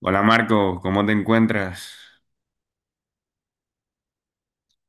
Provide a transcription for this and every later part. Hola Marco, ¿cómo te encuentras?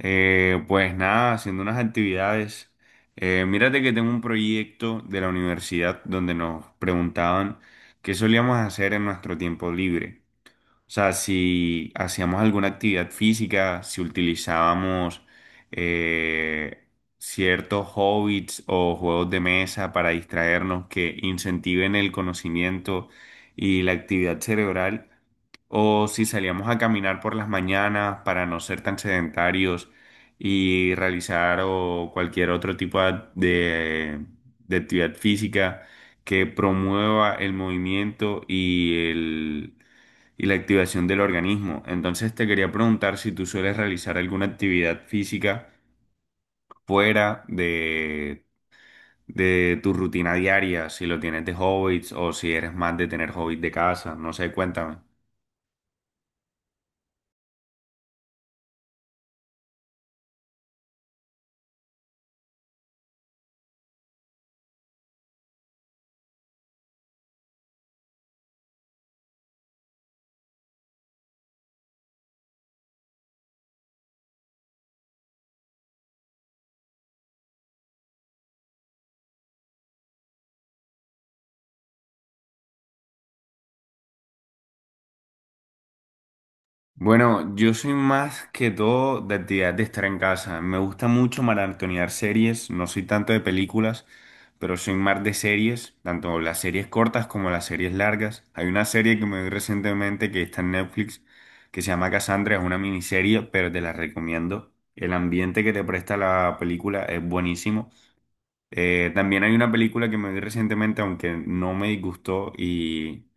Pues nada, haciendo unas actividades. Mírate que tengo un proyecto de la universidad donde nos preguntaban qué solíamos hacer en nuestro tiempo libre. O sea, si hacíamos alguna actividad física, si utilizábamos eh, ciertos hobbies o juegos de mesa para distraernos que incentiven el conocimiento y la actividad cerebral. O si salíamos a caminar por las mañanas para no ser tan sedentarios y realizar o cualquier otro tipo de actividad física que promueva el movimiento y la activación del organismo. Entonces te quería preguntar si tú sueles realizar alguna actividad física fuera de tu rutina diaria, si lo tienes de hobbies o si eres más de tener hobbies de casa. No sé, cuéntame. Bueno, yo soy más que todo de actividad de estar en casa. Me gusta mucho maratonear series, no soy tanto de películas, pero soy más de series, tanto las series cortas como las series largas. Hay una serie que me vi recientemente que está en Netflix, que se llama Cassandra, es una miniserie, pero te la recomiendo. El ambiente que te presta la película es buenísimo. También hay una película que me vi recientemente, aunque no me disgustó y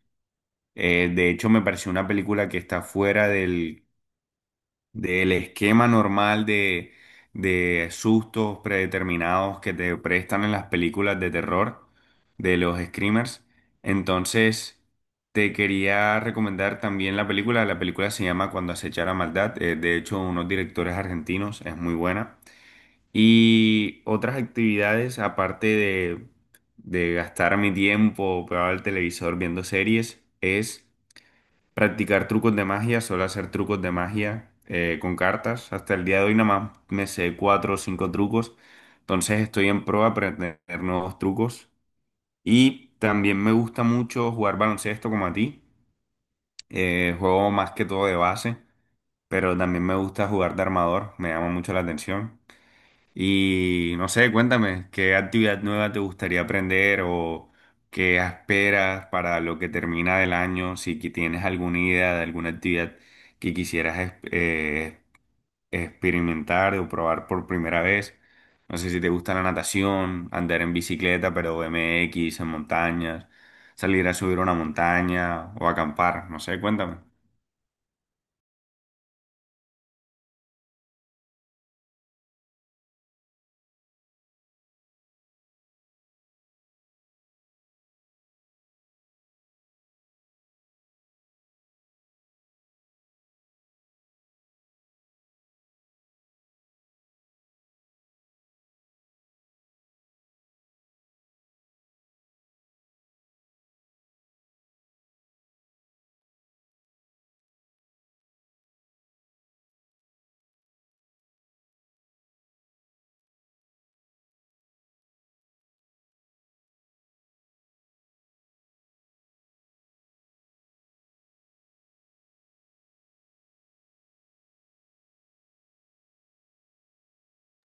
de hecho me pareció una película que está fuera del esquema normal de sustos predeterminados que te prestan en las películas de terror de los screamers. Entonces, te quería recomendar también la película. La película se llama Cuando acechara maldad. De hecho, unos directores argentinos, es muy buena. Y otras actividades, aparte de gastar mi tiempo pegado al televisor viendo series, es practicar trucos de magia, suelo hacer trucos de magia con cartas. Hasta el día de hoy nada más me sé cuatro o cinco trucos. Entonces estoy en pro a aprender nuevos trucos. Y también me gusta mucho jugar baloncesto como a ti. Juego más que todo de base, pero también me gusta jugar de armador. Me llama mucho la atención. Y no sé, cuéntame, ¿qué actividad nueva te gustaría aprender o qué esperas para lo que termina del año? Si que tienes alguna idea de alguna actividad que quisieras experimentar o probar por primera vez. No sé si te gusta la natación, andar en bicicleta, pero MX, en montañas, salir a subir una montaña o acampar, no sé, cuéntame.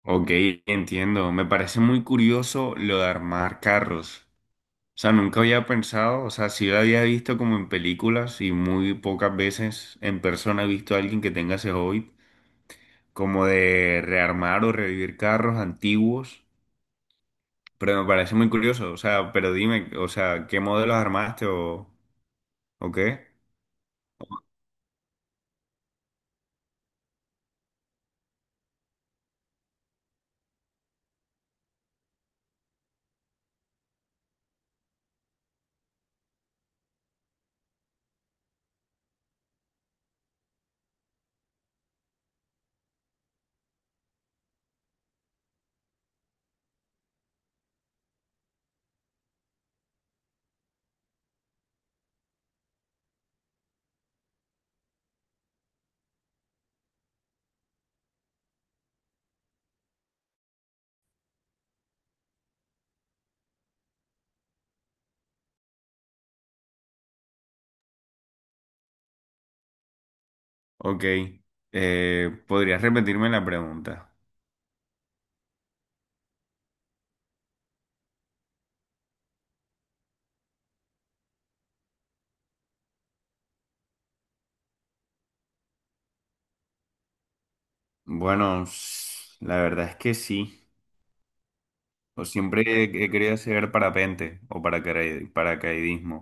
Ok, entiendo. Me parece muy curioso lo de armar carros. O sea, nunca había pensado, o sea, sí lo había visto como en películas y muy pocas veces en persona he visto a alguien que tenga ese hobby, como de rearmar o revivir carros antiguos, pero me parece muy curioso, o sea, pero dime, o sea, ¿qué modelos armaste o qué? Ok, ¿podrías repetirme la pregunta? Bueno, la verdad es que sí, o siempre he querido hacer parapente o paracaidismo.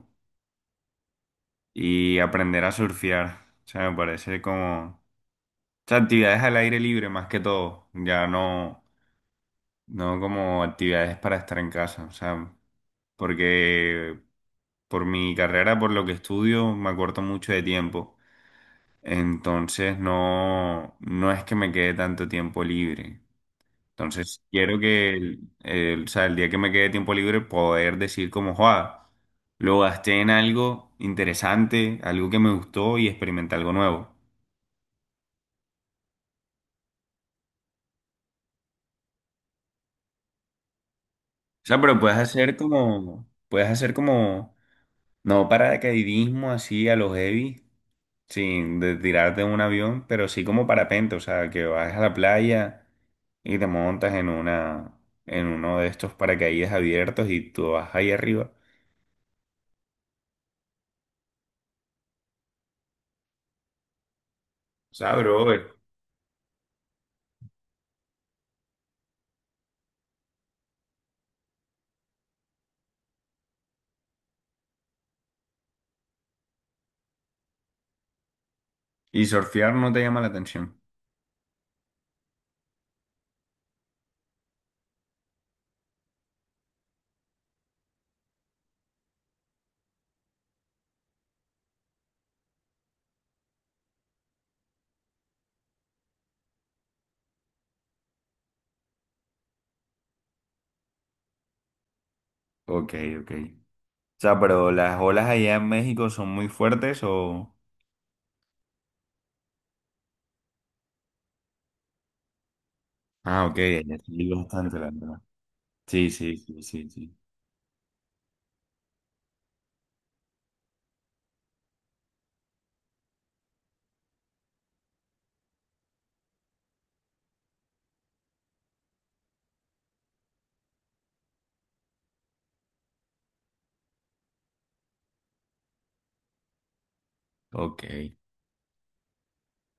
Y aprender a surfear. O sea, me parece como... O sea, actividades al aire libre más que todo. Ya no, no como actividades para estar en casa. O sea, porque por mi carrera, por lo que estudio, me acorto mucho de tiempo. Entonces no, no es que me quede tanto tiempo libre. Entonces quiero que o sea, el día que me quede tiempo libre poder decir como, joa, lo gasté en algo interesante, algo que me gustó y experimenté algo nuevo. O sea, pero puedes hacer como, no paracaidismo así a los heavy, sin de tirarte de un avión, pero sí como parapente, o sea, que vas a la playa y te montas en una, en uno de estos paracaídas abiertos y tú vas ahí arriba. O sea, bro, y surfear no te llama la atención. Ok, ok. O sea, pero las olas allá en México son muy fuertes o... Ah, ok, allá sí, bastante, la verdad. Sí, sí, sí, sí, sí. Ok.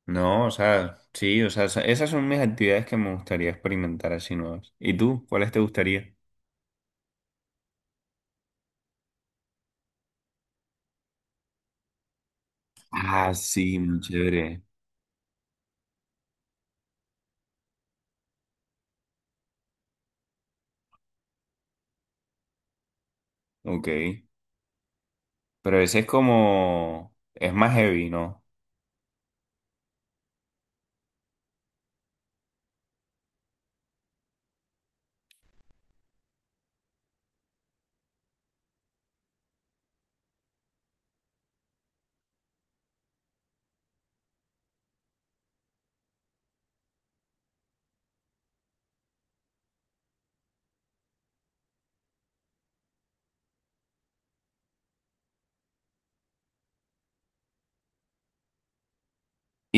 No, o sea, sí, o sea, esas son mis actividades que me gustaría experimentar así nuevas. ¿Y tú? ¿Cuáles te gustaría? Ah, sí, muy chévere. Ok. Pero ese es como, es más heavy, ¿no?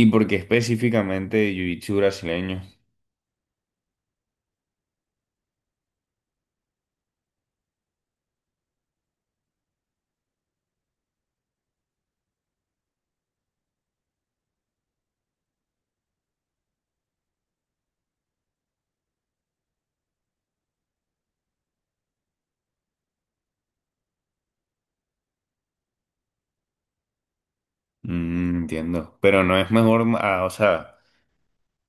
¿Y por qué específicamente jiu-jitsu brasileño? Mm, entiendo. Pero no es mejor, ah,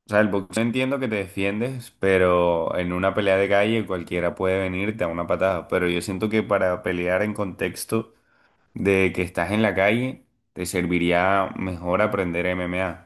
o sea, el boxeo entiendo que te defiendes, pero en una pelea de calle cualquiera puede venirte a una patada. Pero yo siento que para pelear en contexto de que estás en la calle, te serviría mejor aprender MMA.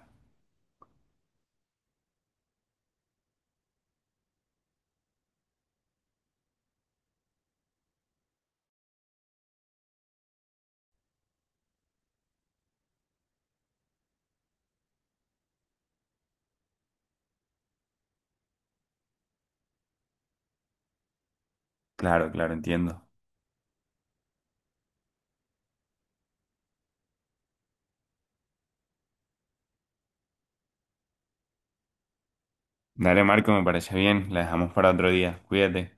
Claro, claro, entiendo. Dale, Marco, me parece bien. La dejamos para otro día. Cuídate.